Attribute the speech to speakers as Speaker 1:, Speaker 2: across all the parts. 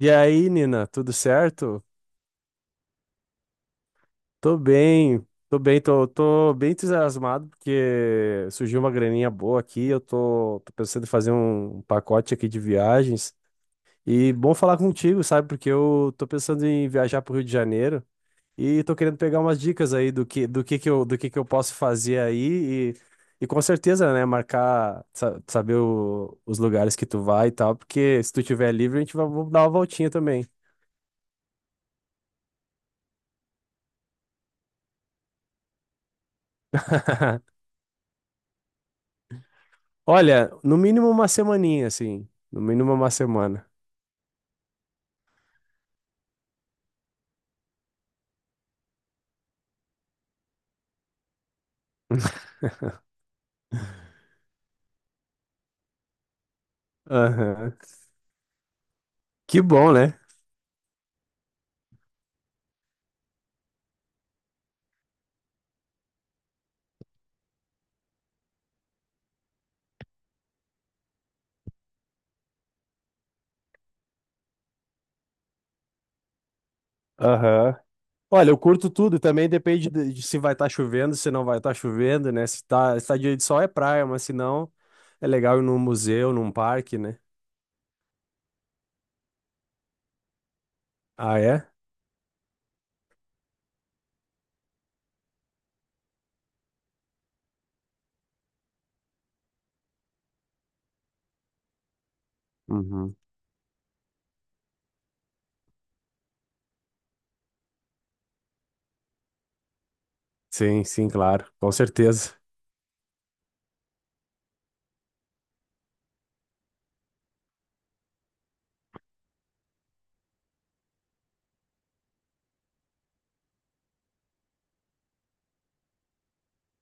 Speaker 1: E aí, Nina, tudo certo? Tô bem, tô bem entusiasmado porque surgiu uma graninha boa aqui. Eu tô pensando em fazer um pacote aqui de viagens. E bom falar contigo, sabe? Porque eu tô pensando em viajar pro Rio de Janeiro e tô querendo pegar umas dicas aí do que eu, do que eu posso fazer aí e com certeza, né, marcar, saber os lugares que tu vai e tal, porque se tu tiver livre, a gente vai vamos dar uma voltinha também. Olha, no mínimo uma semaninha, assim. No mínimo uma semana. Aham. Que bom, né? Aham. Olha, eu curto tudo, também depende de se vai estar chovendo, se não vai estar chovendo, né? Se tá dia de sol é praia, mas se não, é legal ir num museu, num parque, né? Ah, é? Uhum. Sim, sim, claro, com certeza.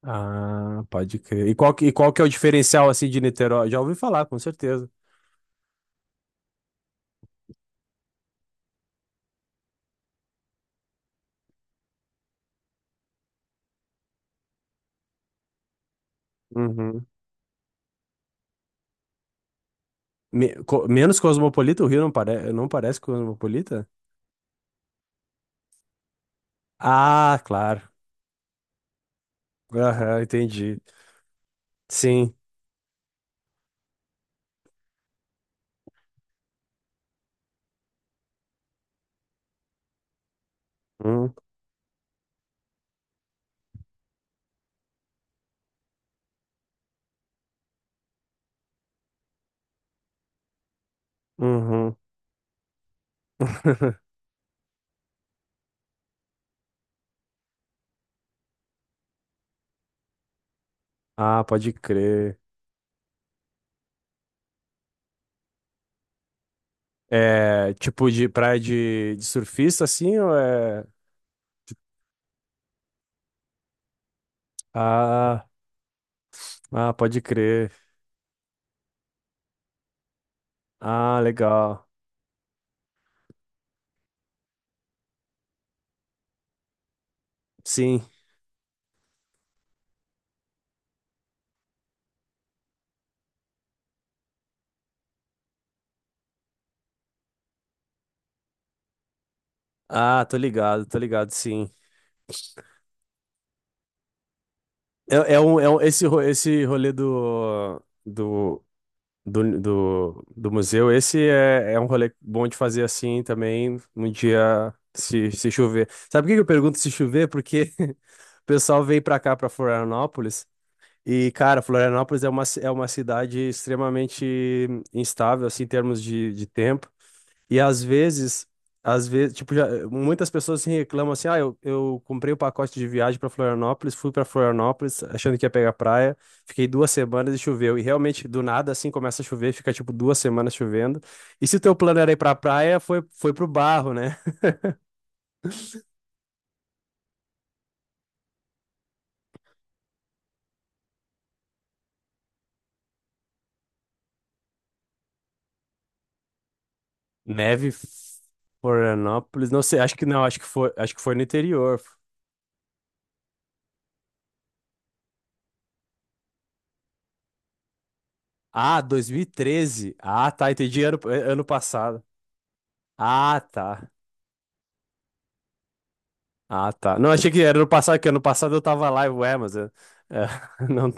Speaker 1: Ah, pode crer. E qual, e qual que é o diferencial, assim, de Niterói? Já ouvi falar, com certeza. Uhum. Menos cosmopolita, o Rio não, pare não parece cosmopolita? Ah, claro. Aham, entendi. Sim. Hum. Uhum. Ah, pode crer. É tipo de praia de surfista, assim, ou é. Ah, ah, pode crer. Ah, legal. Sim. Ah, tô ligado, sim. Esse rolê do museu, esse é um rolê bom de fazer assim também, um dia se chover. Sabe por que que eu pergunto se chover? Porque o pessoal vem pra cá, pra Florianópolis, e, cara, Florianópolis é é uma cidade extremamente instável, assim, em termos de tempo. E às vezes, tipo, já, muitas pessoas assim, reclamam assim: ah, eu comprei o pacote de viagem para Florianópolis, fui para Florianópolis achando que ia pegar praia, fiquei 2 semanas e choveu. E realmente, do nada, assim, começa a chover, fica tipo 2 semanas chovendo. E se o teu plano era ir pra praia, foi pro barro, né? Neve, Florianópolis, não sei, acho que não, acho que foi no interior. Ah, 2013. Ah, tá, entendi ano passado. Ah, tá. Ah, tá. Não, achei que era no passado, que ano passado eu tava lá, e ué, mas... É, não...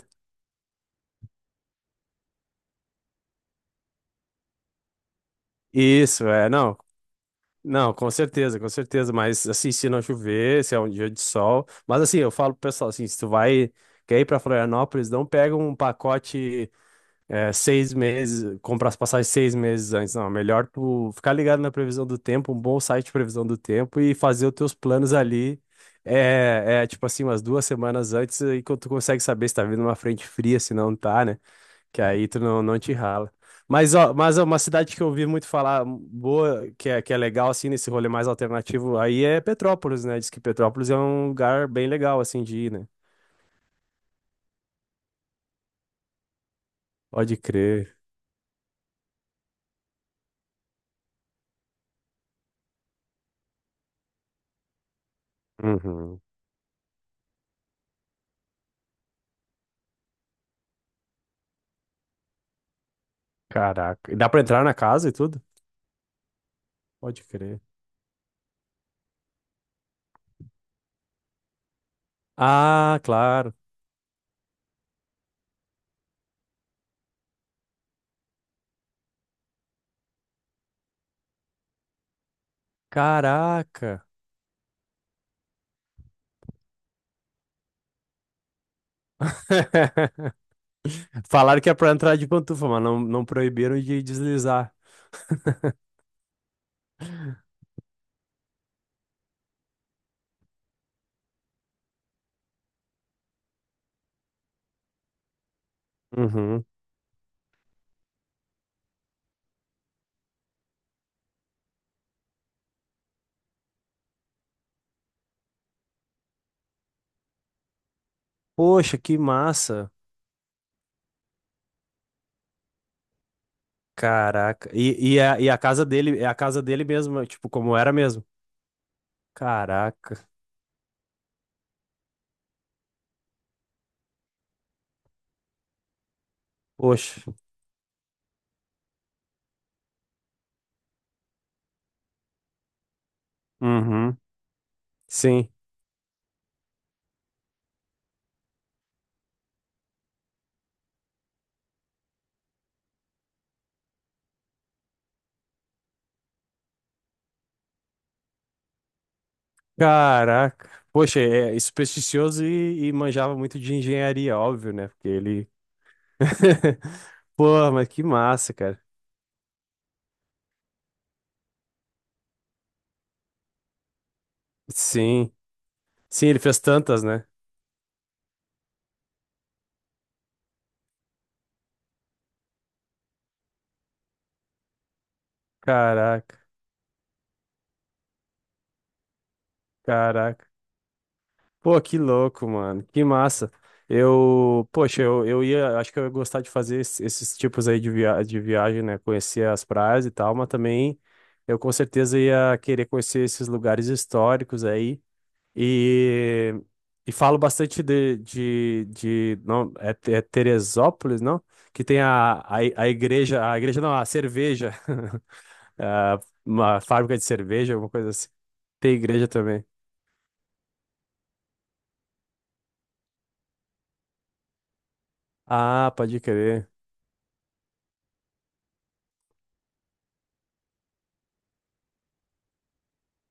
Speaker 1: Isso, é, não. Não, com certeza, mas assim, se não chover, se é um dia de sol... Mas assim, eu falo pro pessoal, assim, se tu vai, quer ir pra Florianópolis, não pega um pacote é, 6 meses, comprar as passagens 6 meses antes, não. É melhor tu ficar ligado na previsão do tempo, um bom site de previsão do tempo e fazer os teus planos ali... É, tipo assim, umas 2 semanas antes, e quando tu consegue saber se tá vindo uma frente fria, se não tá, né? Que aí tu não, não te rala. Mas ó, uma cidade que eu ouvi muito falar boa, que é legal, assim, nesse rolê mais alternativo, aí é Petrópolis, né? Diz que Petrópolis é um lugar bem legal, assim, de ir, né? Pode crer. Uhum. Caraca. E dá pra entrar na casa e tudo? Pode crer. Ah, claro. Caraca. Falaram que é pra entrar de pantufa, mas não, não proibiram de deslizar. Uhum. Poxa, que massa. Caraca. E a casa dele, é a casa dele mesmo, tipo, como era mesmo. Caraca. Poxa. Uhum. Sim. Caraca. Poxa, é supersticioso e manjava muito de engenharia, óbvio, né? Porque ele. Pô, mas que massa, cara. Sim. Sim, ele fez tantas, né? Caraca. Caraca. Pô, que louco, mano. Que massa. Eu, poxa, eu ia, acho que eu ia gostar de fazer esses tipos aí de, via de viagem, né? Conhecer as praias e tal, mas também eu com certeza ia querer conhecer esses lugares históricos aí. E, e falo bastante de não, é, é Teresópolis, não? Que tem a igreja não, a cerveja, a uma fábrica de cerveja, alguma coisa assim. Tem igreja também. Ah, pode crer.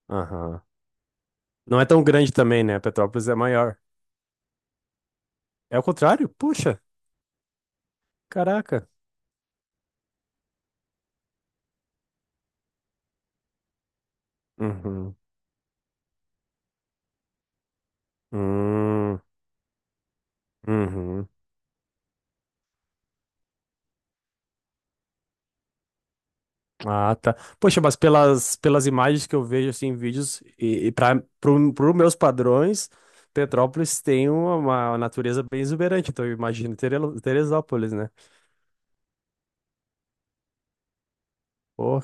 Speaker 1: Aham. Não é tão grande também, né? Petrópolis é maior. É o contrário? Puxa, caraca. Uhum. Hum, uhum. Ah, tá. Poxa, mas pelas imagens que eu vejo assim, em vídeos, e para os meus padrões, Petrópolis tem uma natureza bem exuberante, então eu imagino Teresópolis, né? Pô.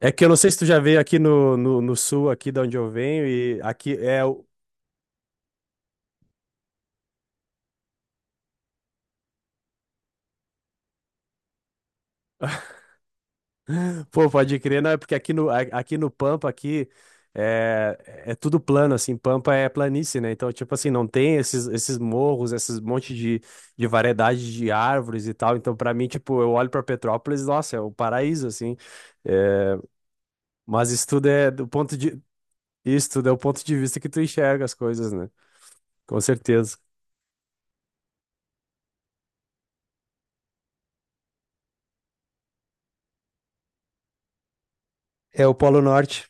Speaker 1: É que eu não sei se tu já veio aqui no sul, aqui de onde eu venho, e aqui é, Pô, pode crer, não, é porque aqui no, aqui no Pampa, aqui, é, tudo plano, assim, Pampa é planície, né? Então, tipo assim, não tem esses morros, esses monte de variedade de árvores e tal. Então, pra mim, tipo, eu olho pra Petrópolis, nossa, é o paraíso, assim. É, mas isso tudo é do ponto de, isso tudo é o ponto de vista que tu enxerga as coisas, né? Com certeza. É o Polo Norte.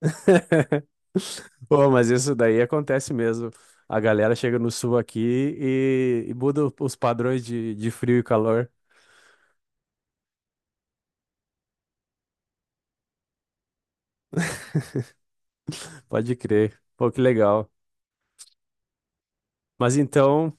Speaker 1: Pô, mas isso daí acontece mesmo. A galera chega no sul aqui e muda os padrões de frio e calor. Pode crer. Pô, que legal. Mas então,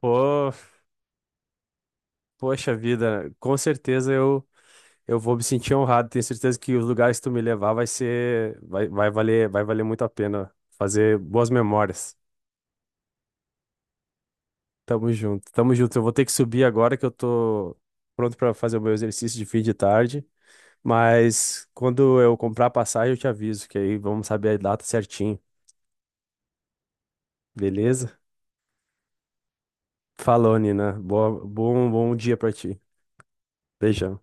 Speaker 1: pô, poxa vida, com certeza eu vou me sentir honrado. Tenho certeza que os lugares que tu me levar vai ser, vai, vai valer muito a pena fazer boas memórias. Tamo junto, tamo junto. Eu vou ter que subir agora que eu tô pronto pra fazer o meu exercício de fim de tarde. Mas quando eu comprar a passagem, eu te aviso, que aí vamos saber a data certinho. Beleza? Falou, Nina. Bom dia pra ti. Beijão.